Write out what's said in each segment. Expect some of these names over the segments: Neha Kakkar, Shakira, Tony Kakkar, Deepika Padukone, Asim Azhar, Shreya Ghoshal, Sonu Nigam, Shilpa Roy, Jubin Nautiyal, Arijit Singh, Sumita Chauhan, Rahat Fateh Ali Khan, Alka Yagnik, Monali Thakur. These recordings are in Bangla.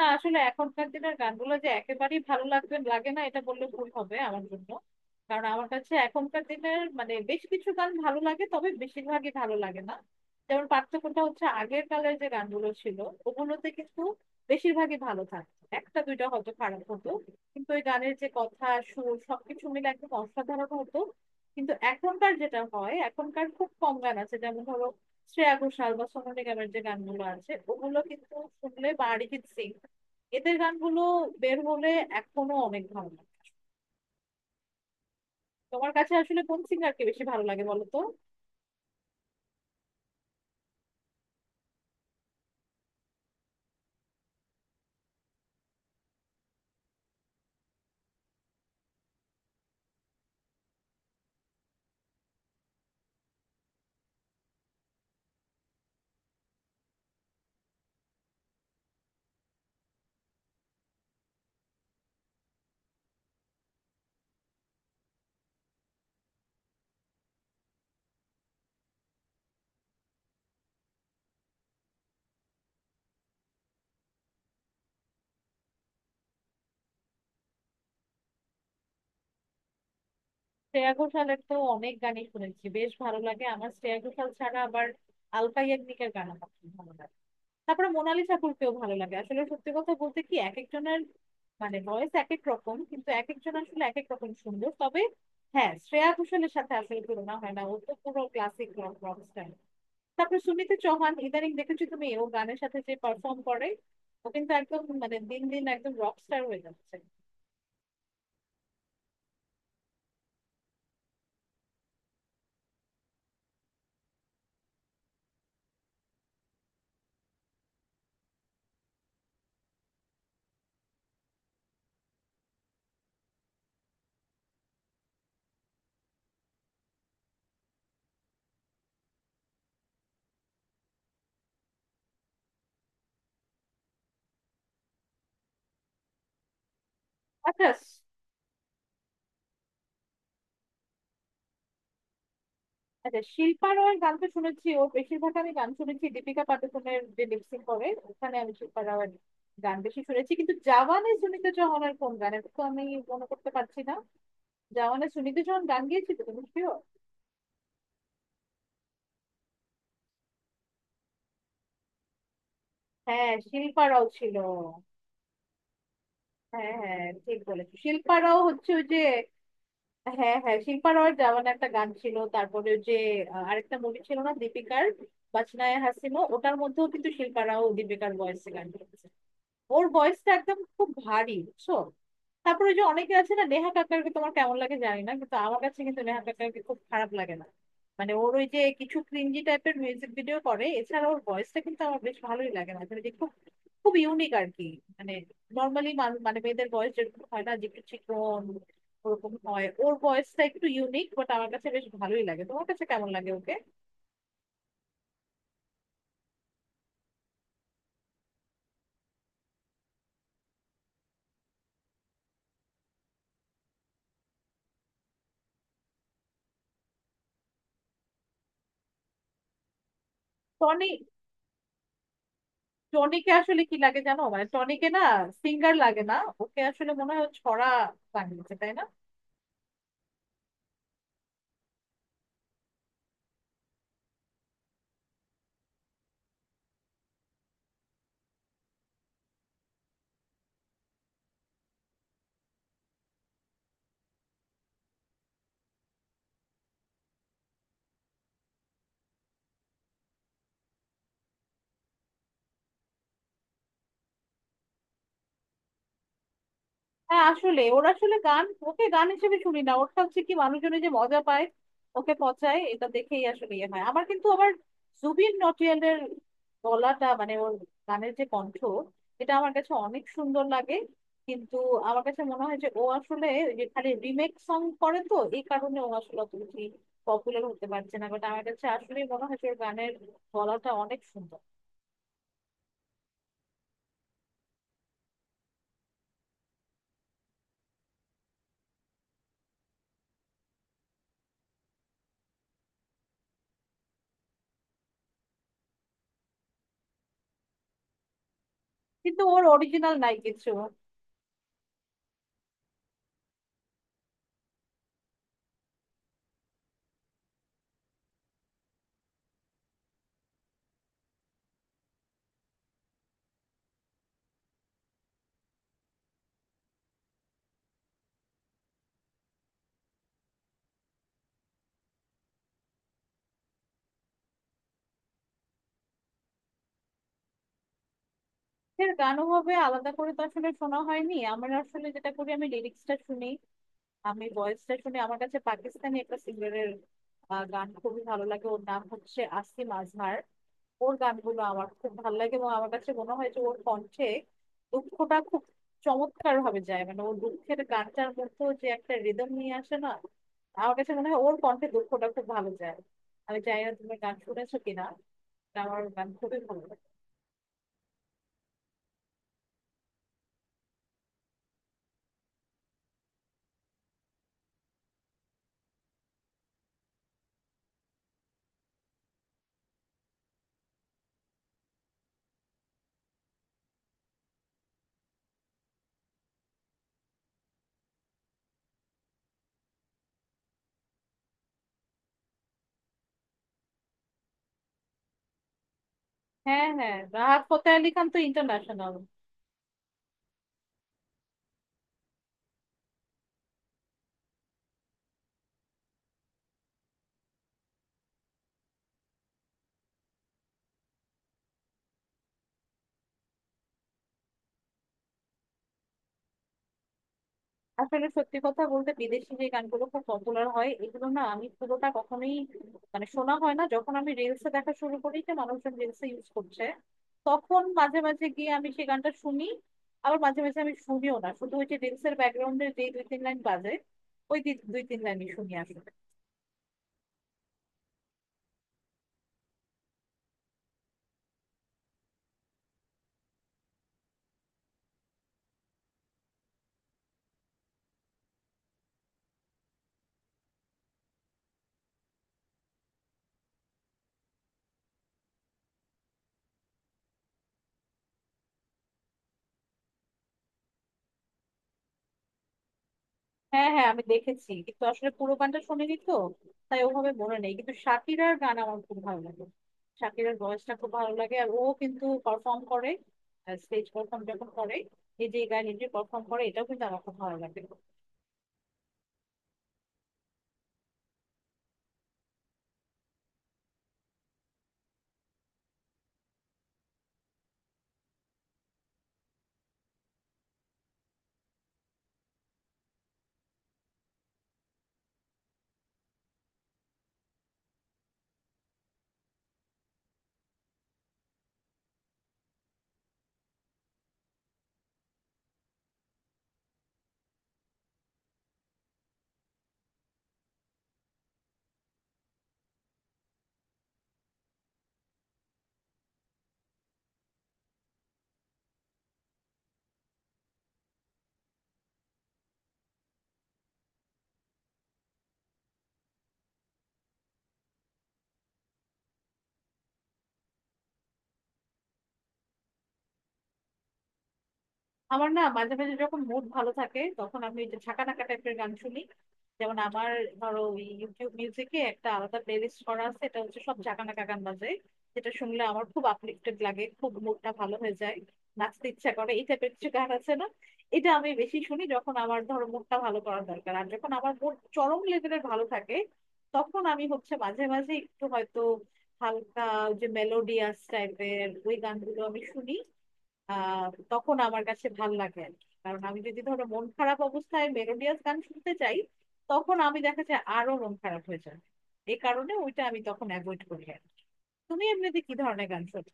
না, আসলে এখনকার দিনের গানগুলো যে একেবারেই ভালো লাগবে লাগে না এটা বললে ভুল হবে আমার জন্য। কারণ আমার কাছে এখনকার দিনের মানে বেশ কিছু গান ভালো লাগে, তবে বেশিরভাগই ভালো লাগে না। যেমন পার্থক্যটা হচ্ছে, আগের কালের যে গানগুলো ছিল ওগুলোতে কিন্তু বেশিরভাগই ভালো থাকতো, একটা দুইটা হয়তো খারাপ হতো, কিন্তু ওই গানের যে কথা সুর সবকিছু মিলে একদম অসাধারণ হতো। কিন্তু এখনকার যেটা হয়, এখনকার খুব কম গান আছে, যেমন ধরো শ্রেয়া ঘোষাল বা সোনু নিগমের যে গানগুলো আছে ওগুলো কিন্তু শুনলে, বা অরিজিৎ সিং, এদের গানগুলো বের হলে এখনো অনেক ভালো লাগে। তোমার কাছে আসলে কোন সিঙ্গারকে বেশি ভালো লাগে বলো তো? শ্রেয়া ঘোষালের তো অনেক গানই শুনেছি, বেশ ভালো লাগে আমার। শ্রেয়া ঘোষাল ছাড়া আবার আলকা ইয়াগনিকের গান আমার খুব ভালো লাগে। তারপরে মোনালি ঠাকুরকেও ভালো লাগে। আসলে সত্যি কথা বলতে কি, এক একজনের মানে ভয়েস এক এক রকম, কিন্তু এক একজন আসলে এক এক রকম সুন্দর। তবে হ্যাঁ, শ্রেয়া ঘোষালের সাথে আসলে তুলনা হয় না, ও তো পুরো ক্লাসিক রক রক স্টাইল। তারপর সুমিতা চৌহান ইদানিং দেখেছো তুমি, ও গানের সাথে যে পারফর্ম করে? ও কিন্তু একদম মানে দিন দিন একদম রকস্টার হয়ে যাচ্ছে। আচ্ছা স- আচ্ছা, শিল্পা রয়ের গান তো শুনেছি। ও, বেশিরভাগ আমি গান শুনেছি দীপিকা পাডুকোনের, যে লিপসিং করে, ওখানে আমি শিল্পা রয়ের গান বেশি শুনেছি। কিন্তু জাওয়ানে সুনিতা চৌহানের কোন গান, এটা তো আমি মনে করতে পারছি না। জাওয়ানে সুনিতা চৌহান গান গিয়েছিল তুমি শিওর? হ্যাঁ, শিল্পা রাও ছিল। হ্যাঁ হ্যাঁ, ঠিক বলেছো, শিল্পা রাও হচ্ছে ওই যে। হ্যাঁ হ্যাঁ, শিল্পা রয়ের জওয়ান একটা গান ছিল। তারপরে ওই যে, আরেকটা মুভি ছিল না দীপিকার, বাচনায়ে হাসিনো, ওটার মধ্যেও কিন্তু শিল্পা রাও দীপিকার ভয়েসে গান করেছে। ওর ভয়েসটা একদম খুব ভারী, বুঝছো? তারপরে ওই যে অনেকে আছে না, নেহা কাক্কারকে তোমার কেমন লাগে জানি না, কিন্তু আমার কাছে কিন্তু নেহা কাক্কারকে খুব খারাপ লাগে না। মানে ওর ওই যে কিছু ক্রিঞ্জি টাইপের মিউজিক ভিডিও করে, এছাড়া ওর ভয়েসটা কিন্তু আমার বেশ ভালোই লাগে। না মানে, যে খুব খুব ইউনিক আর কি। মানে নর্মালি, মানে মেয়েদের ভয়েস যেরকম হয় না, যে একটু চিকন, ওরকম হয়, ওর ভয়েসটা একটু ইউনিক, বাট আমার কাছে বেশ ভালোই লাগে। তোমার কাছে কেমন লাগে ওকে? টনি টনিকে আসলে কি লাগে জানো, মানে টনিকে না সিঙ্গার লাগে না। ওকে আসলে মনে হয় ও ছড়া বানিয়েছে, তাই না? হ্যাঁ, আসলে ওর আসলে গান, ওকে গান হিসেবে শুনি না, ওরটা হচ্ছে কি, মানুষজনে যে মজা পায় ওকে পচায় এটা দেখেই আসলে ইয়ে হয় আমার। কিন্তু আবার জুবিন নটিয়ালের গলাটা, মানে ওর গানের যে কণ্ঠ, এটা আমার কাছে অনেক সুন্দর লাগে। কিন্তু আমার কাছে মনে হয় যে ও আসলে ওই যে খালি রিমেক সং করে, তো এই কারণে ও আসলে অত বেশি পপুলার হতে পারছে না। বাট আমার কাছে আসলে মনে হয় যে ওর গানের গলাটা অনেক সুন্দর। কিন্তু ওর অরিজিনাল নাই কিছু, এর গানও হবে আলাদা করে তো আসলে শোনা হয়নি। আমার আসলে যেটা করি, আমি লিরিক্সটা শুনি, আমি ভয়েসটা শুনি। আমার কাছে পাকিস্তানি একটা সিঙ্গারের গান খুবই ভালো লাগে, ওর নাম হচ্ছে আসিম আজহার। ওর গানগুলো আমার খুব ভালো লাগে, এবং আমার কাছে মনে হয় যে ওর কণ্ঠে দুঃখটা খুব চমৎকার ভাবে যায়। মানে ওর দুঃখের গানটার মধ্যেও যে একটা রিদম নিয়ে আসে না, আমার কাছে মনে হয় ওর কণ্ঠে দুঃখটা খুব ভালো যায়। আমি জানি না তুমি গান শুনেছো কিনা, কিন্তু আমার গান খুবই ভালো লাগে। হ্যাঁ হ্যাঁ, রাহাত ফতেহ আলী খান তো ইন্টারন্যাশনাল। আসলে সত্যি কথা বলতে, বিদেশি যে গানগুলো খুব পপুলার হয় এগুলো না আমি পুরোটা কখনোই মানে শোনা হয় না। যখন আমি রিলসে দেখা শুরু করি যে মানুষজন রিলসে ইউজ করছে, তখন মাঝে মাঝে গিয়ে আমি সেই গানটা শুনি। আবার মাঝে মাঝে আমি শুনিও না, শুধু ওই যে রিলসের ব্যাকগ্রাউন্ডে যে দুই তিন লাইন বাজে, ওই দুই তিন লাইনই শুনি আসলে। হ্যাঁ হ্যাঁ, আমি দেখেছি, কিন্তু আসলে পুরো গানটা শুনিনি তো, তাই ওভাবে মনে নেই। কিন্তু শাকিরার গান আমার খুব ভালো লাগে, শাকিরার ভয়েসটা খুব ভালো লাগে। আর ও কিন্তু পারফর্ম করে, স্টেজ পারফর্ম যখন করে, নিজে গায়ে নিজে পারফর্ম করে, এটাও কিন্তু আমার খুব ভালো লাগে। আমার না মাঝে মাঝে যখন মুড ভালো থাকে তখন আমি ওই যে ঝাঁকা নাকা টাইপের গান শুনি। যেমন আমার, ধরো ওই ইউটিউব মিউজিকে একটা আলাদা প্লেলিস্ট করা আছে, এটা হচ্ছে সব ঝাঁকা নাকা গান বাজে, যেটা শুনলে আমার খুব আপলিফটেড লাগে, খুব মুডটা ভালো হয়ে যায়, নাচতে ইচ্ছা করে, এই টাইপের কিছু গান আছে না, এটা আমি বেশি শুনি যখন আমার ধরো মুডটা ভালো করার দরকার। আর যখন আমার মুড চরম লেভেলের ভালো থাকে তখন আমি হচ্ছে মাঝে মাঝে একটু হয়তো হালকা, ওই যে মেলোডিয়াস টাইপের ওই গানগুলো আমি শুনি। আহ তখন আমার কাছে ভাল লাগে আর কি। কারণ আমি যদি ধরো মন খারাপ অবস্থায় মেলোডিয়াস গান শুনতে চাই, তখন আমি দেখা যায় আরো মন খারাপ হয়ে যায়। এই কারণে ওইটা আমি তখন অ্যাভয়েড করি আর কি। তুমি এমনিতে কি ধরনের গান শোনো?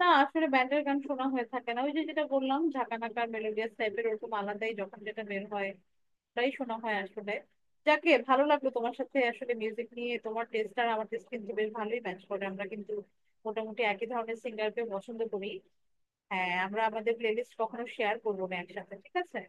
না আসলে ব্যান্ডের গান শোনা হয়ে থাকে না, ওই যে যেটা বললাম ঝাঁকানাকার মেলোডিয়াস টাইপের, ওরকম আলাদাই যখন যেটা বের হয় ওটাই শোনা হয় আসলে। যাকে ভালো লাগলো, তোমার সাথে আসলে মিউজিক নিয়ে তোমার টেস্ট আর আমার টেস্ট কিন্তু বেশ ভালোই ম্যাচ করে, আমরা কিন্তু মোটামুটি একই ধরনের সিঙ্গারকে পছন্দ করি। হ্যাঁ, আমরা আমাদের প্লেলিস্ট কখনো শেয়ার করবো না একসাথে, ঠিক আছে?